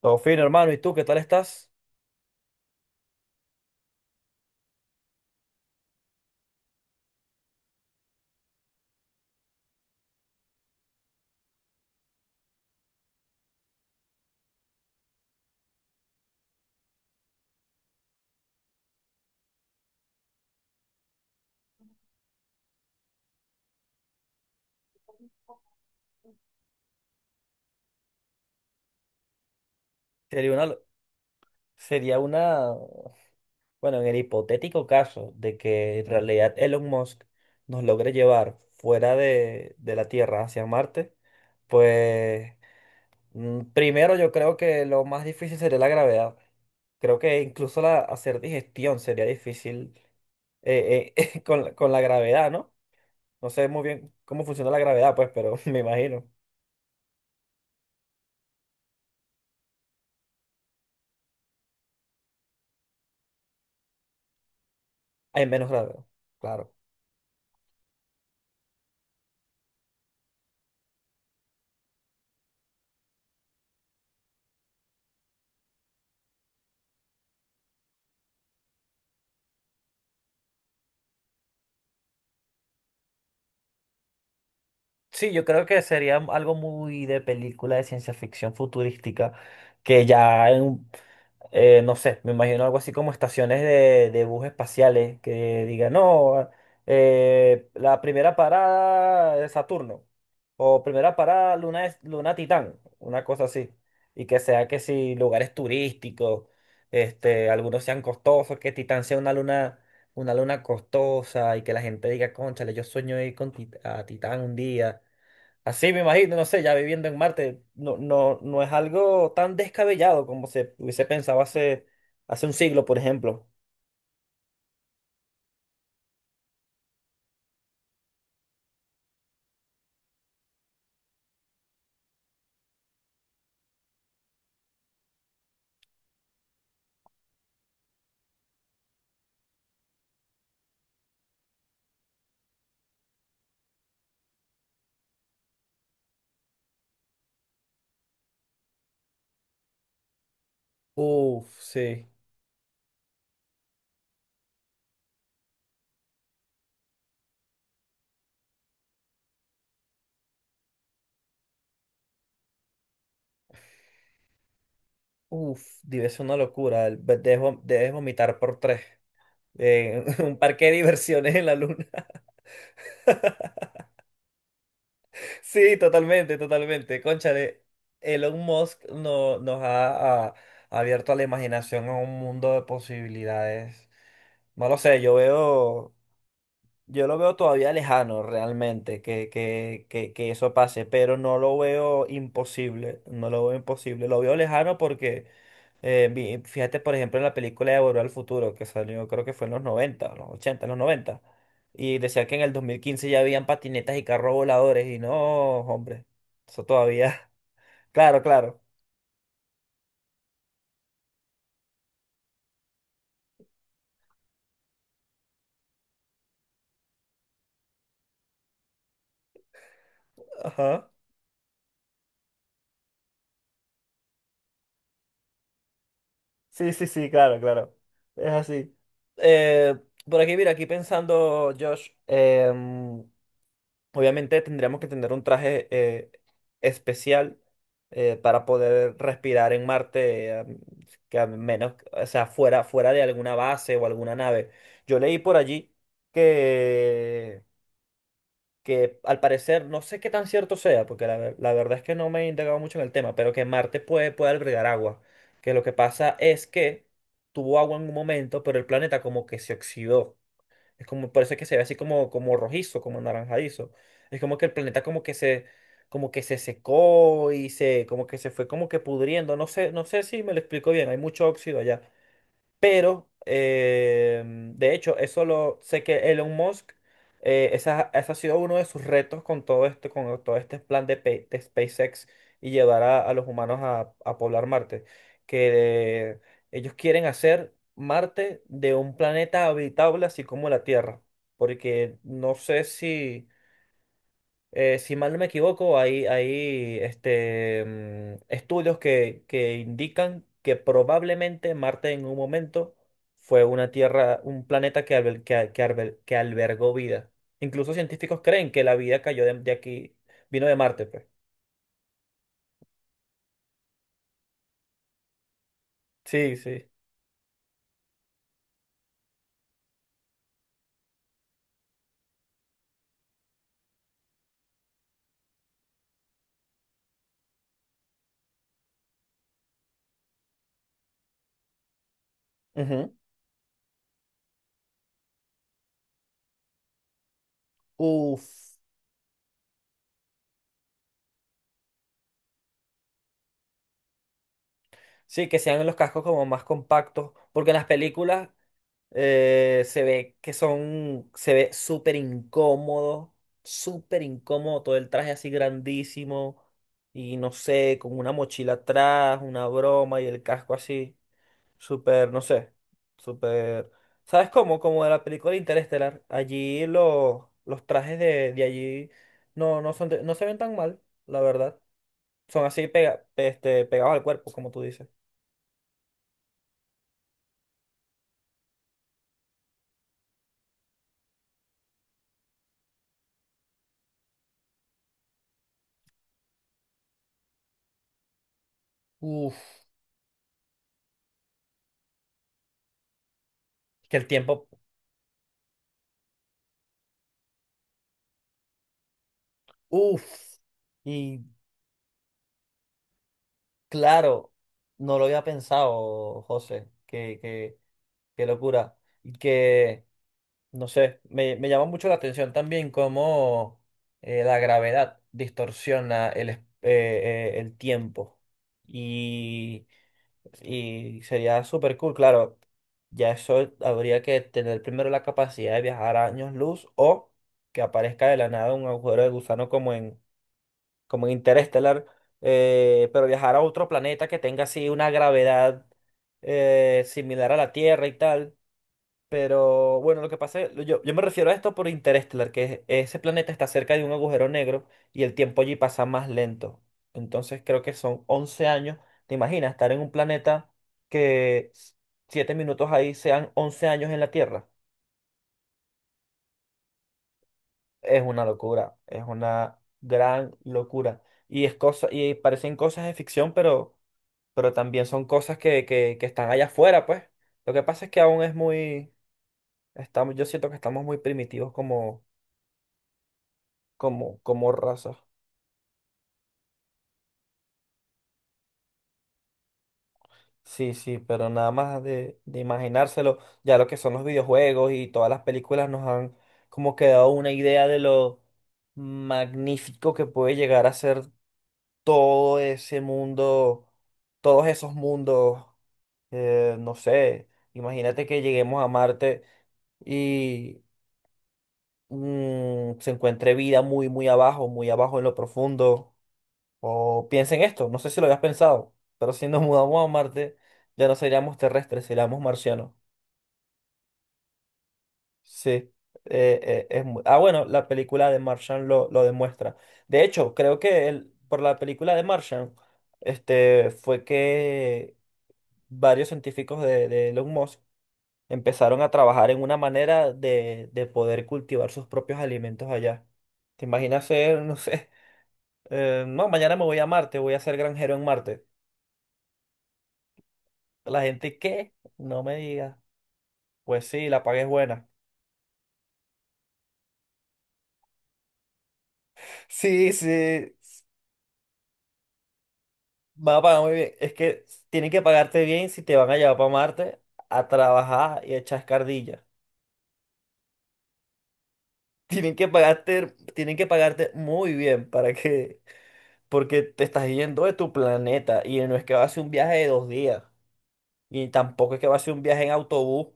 Todo fino, hermano. ¿Y tú qué tal estás? Sería una, sería una, bueno, en el hipotético caso de que en realidad Elon Musk nos logre llevar fuera de la Tierra hacia Marte, pues primero yo creo que lo más difícil sería la gravedad. Creo que incluso hacer digestión sería difícil con la gravedad, ¿no? No sé muy bien cómo funciona la gravedad, pues, pero me imagino. Hay menos gravedad, claro. Sí, yo creo que sería algo muy de película de ciencia ficción futurística, que ya en, no sé, me imagino algo así como estaciones de bus espaciales que digan, no, la primera parada de Saturno, o primera parada Luna, Luna Titán, una cosa así, y que sea que si lugares turísticos, este, algunos sean costosos, que Titán sea una luna costosa y que la gente diga, cónchale, yo sueño ir a Titán un día. Así me imagino, no sé, ya viviendo en Marte, no, no, no es algo tan descabellado como se hubiese pensado hace un siglo, por ejemplo. Uf, sí. Uf, debe ser una locura. Debes vomitar por tres. Un parque de diversiones en la luna. Sí, totalmente, totalmente. Cónchale, Elon Musk no, nos ha, ha- ha abierto a la imaginación a un mundo de posibilidades. No lo sé, yo veo. Yo lo veo todavía lejano realmente que eso pase, pero no lo veo imposible, no lo veo imposible, lo veo lejano porque fíjate por ejemplo en la película de Volver al Futuro que salió creo que fue en los 90 los 80 los 90 y decía que en el 2015 ya habían patinetas y carros voladores y no, hombre, eso todavía, claro, claro, ajá, sí, sí, sí, claro, claro, es así. Eh, por aquí, mira, aquí pensando, Josh, obviamente tendríamos que tener un traje especial para poder respirar en Marte, que a menos, o sea, fuera de alguna base o alguna nave. Yo leí por allí que, que al parecer, no sé qué tan cierto sea, porque la verdad es que no me he indagado mucho en el tema, pero que Marte puede albergar agua. Que lo que pasa es que tuvo agua en un momento, pero el planeta como que se oxidó. Es como, por eso es que se ve así como, como rojizo, como anaranjadizo. Es como que el planeta como que se secó y se, como que se fue como que pudriendo. No sé, no sé si me lo explico bien. Hay mucho óxido allá. Pero, de hecho, eso lo sé que Elon Musk, ese ha sido uno de sus retos con todo este plan de SpaceX y llevar a los humanos a poblar Marte. Que ellos quieren hacer Marte de un planeta habitable así como la Tierra. Porque no sé si si mal no me equivoco, hay este, estudios que indican que probablemente Marte en un momento fue una tierra, un planeta que, albel- que, a- que arbel- que albergó vida. Incluso científicos creen que la vida cayó de aquí, vino de Marte, pues. Sí, sí. Ujú. Uf. Sí, que sean los cascos como más compactos, porque en las películas se ve se ve súper incómodo, todo el traje así grandísimo y no sé, con una mochila atrás, una broma y el casco así, súper, no sé, súper. ¿Sabes cómo? Como de la película Interestelar, allí los trajes de allí no se ven tan mal, la verdad. Son así pegados al cuerpo, como tú dices. Uf, que el tiempo, uf, y claro, no lo había pensado, José, qué, qué, qué locura. Y que, no sé, me llama mucho la atención también cómo la gravedad distorsiona el tiempo. Y, y sería súper cool, claro, ya eso habría que tener primero la capacidad de viajar a años luz o que aparezca de la nada un agujero de gusano como en Interestelar, pero viajar a otro planeta que tenga así una gravedad similar a la Tierra y tal. Pero bueno, lo que pasa es, yo me refiero a esto por Interestelar, ese planeta está cerca de un agujero negro y el tiempo allí pasa más lento. Entonces creo que son 11 años. ¿Te imaginas estar en un planeta que s- 7 minutos ahí sean 11 años en la Tierra? Es una locura, es una gran locura. Y parecen cosas de ficción, pero también son cosas que están allá afuera, pues. Lo que pasa es que aún yo siento que estamos muy primitivos como raza. Sí, sí, pero nada más de imaginárselo, ya lo que son los videojuegos y todas las películas nos han como que dado una idea de lo magnífico que puede llegar a ser todo ese mundo, todos esos mundos, no sé, imagínate que lleguemos a Marte. Y se encuentre vida muy, muy abajo en lo profundo. O piensen esto, no sé si lo habías pensado, pero si nos mudamos a Marte, ya no seríamos terrestres, seríamos marcianos. Sí. Ah, bueno, la película de Martian lo demuestra. De hecho, creo que por la película de Martian, este, fue que varios científicos de Elon Musk empezaron a trabajar en una manera de poder cultivar sus propios alimentos allá. ¿Te imaginas ser, no sé, No, mañana me voy a Marte, voy a ser granjero en Marte. La gente, ¿qué? No me digas. Pues sí, la paga es buena. Sí, sí, s- va a pagar muy bien. Es que tienen que pagarte bien si te van a llevar para Marte a trabajar y a echar escardilla. Tienen que pagarte, tienen que pagarte muy bien para que, porque te estás yendo de tu planeta y no es que va a ser un viaje de 2 días y tampoco es que va a ser un viaje en autobús.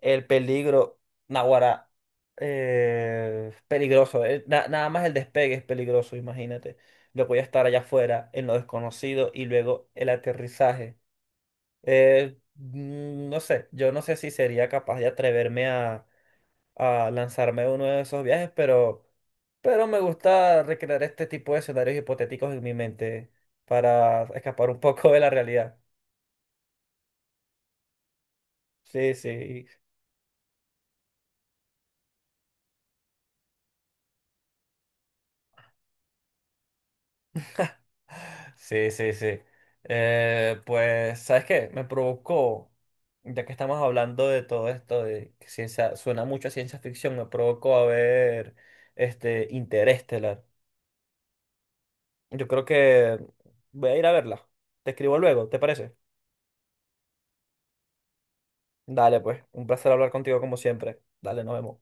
El peligro, naguará, peligroso. Nada más el despegue es peligroso, imagínate. Lo voy a estar allá afuera, en lo desconocido, y luego el aterrizaje. No sé, yo no sé si sería capaz de atreverme a lanzarme a uno de esos viajes, pero me gusta recrear este tipo de escenarios hipotéticos en mi mente para escapar un poco de la realidad. Sí, sí. Sí, sí, sí. Pues, ¿sabes qué? Me provocó, ya que estamos hablando de todo esto, de que ciencia, suena mucho a ciencia ficción, me provocó a ver este Interestelar. Yo creo que voy a ir a verla. Te escribo luego, ¿te parece? Dale, pues, un placer hablar contigo como siempre. Dale, nos vemos.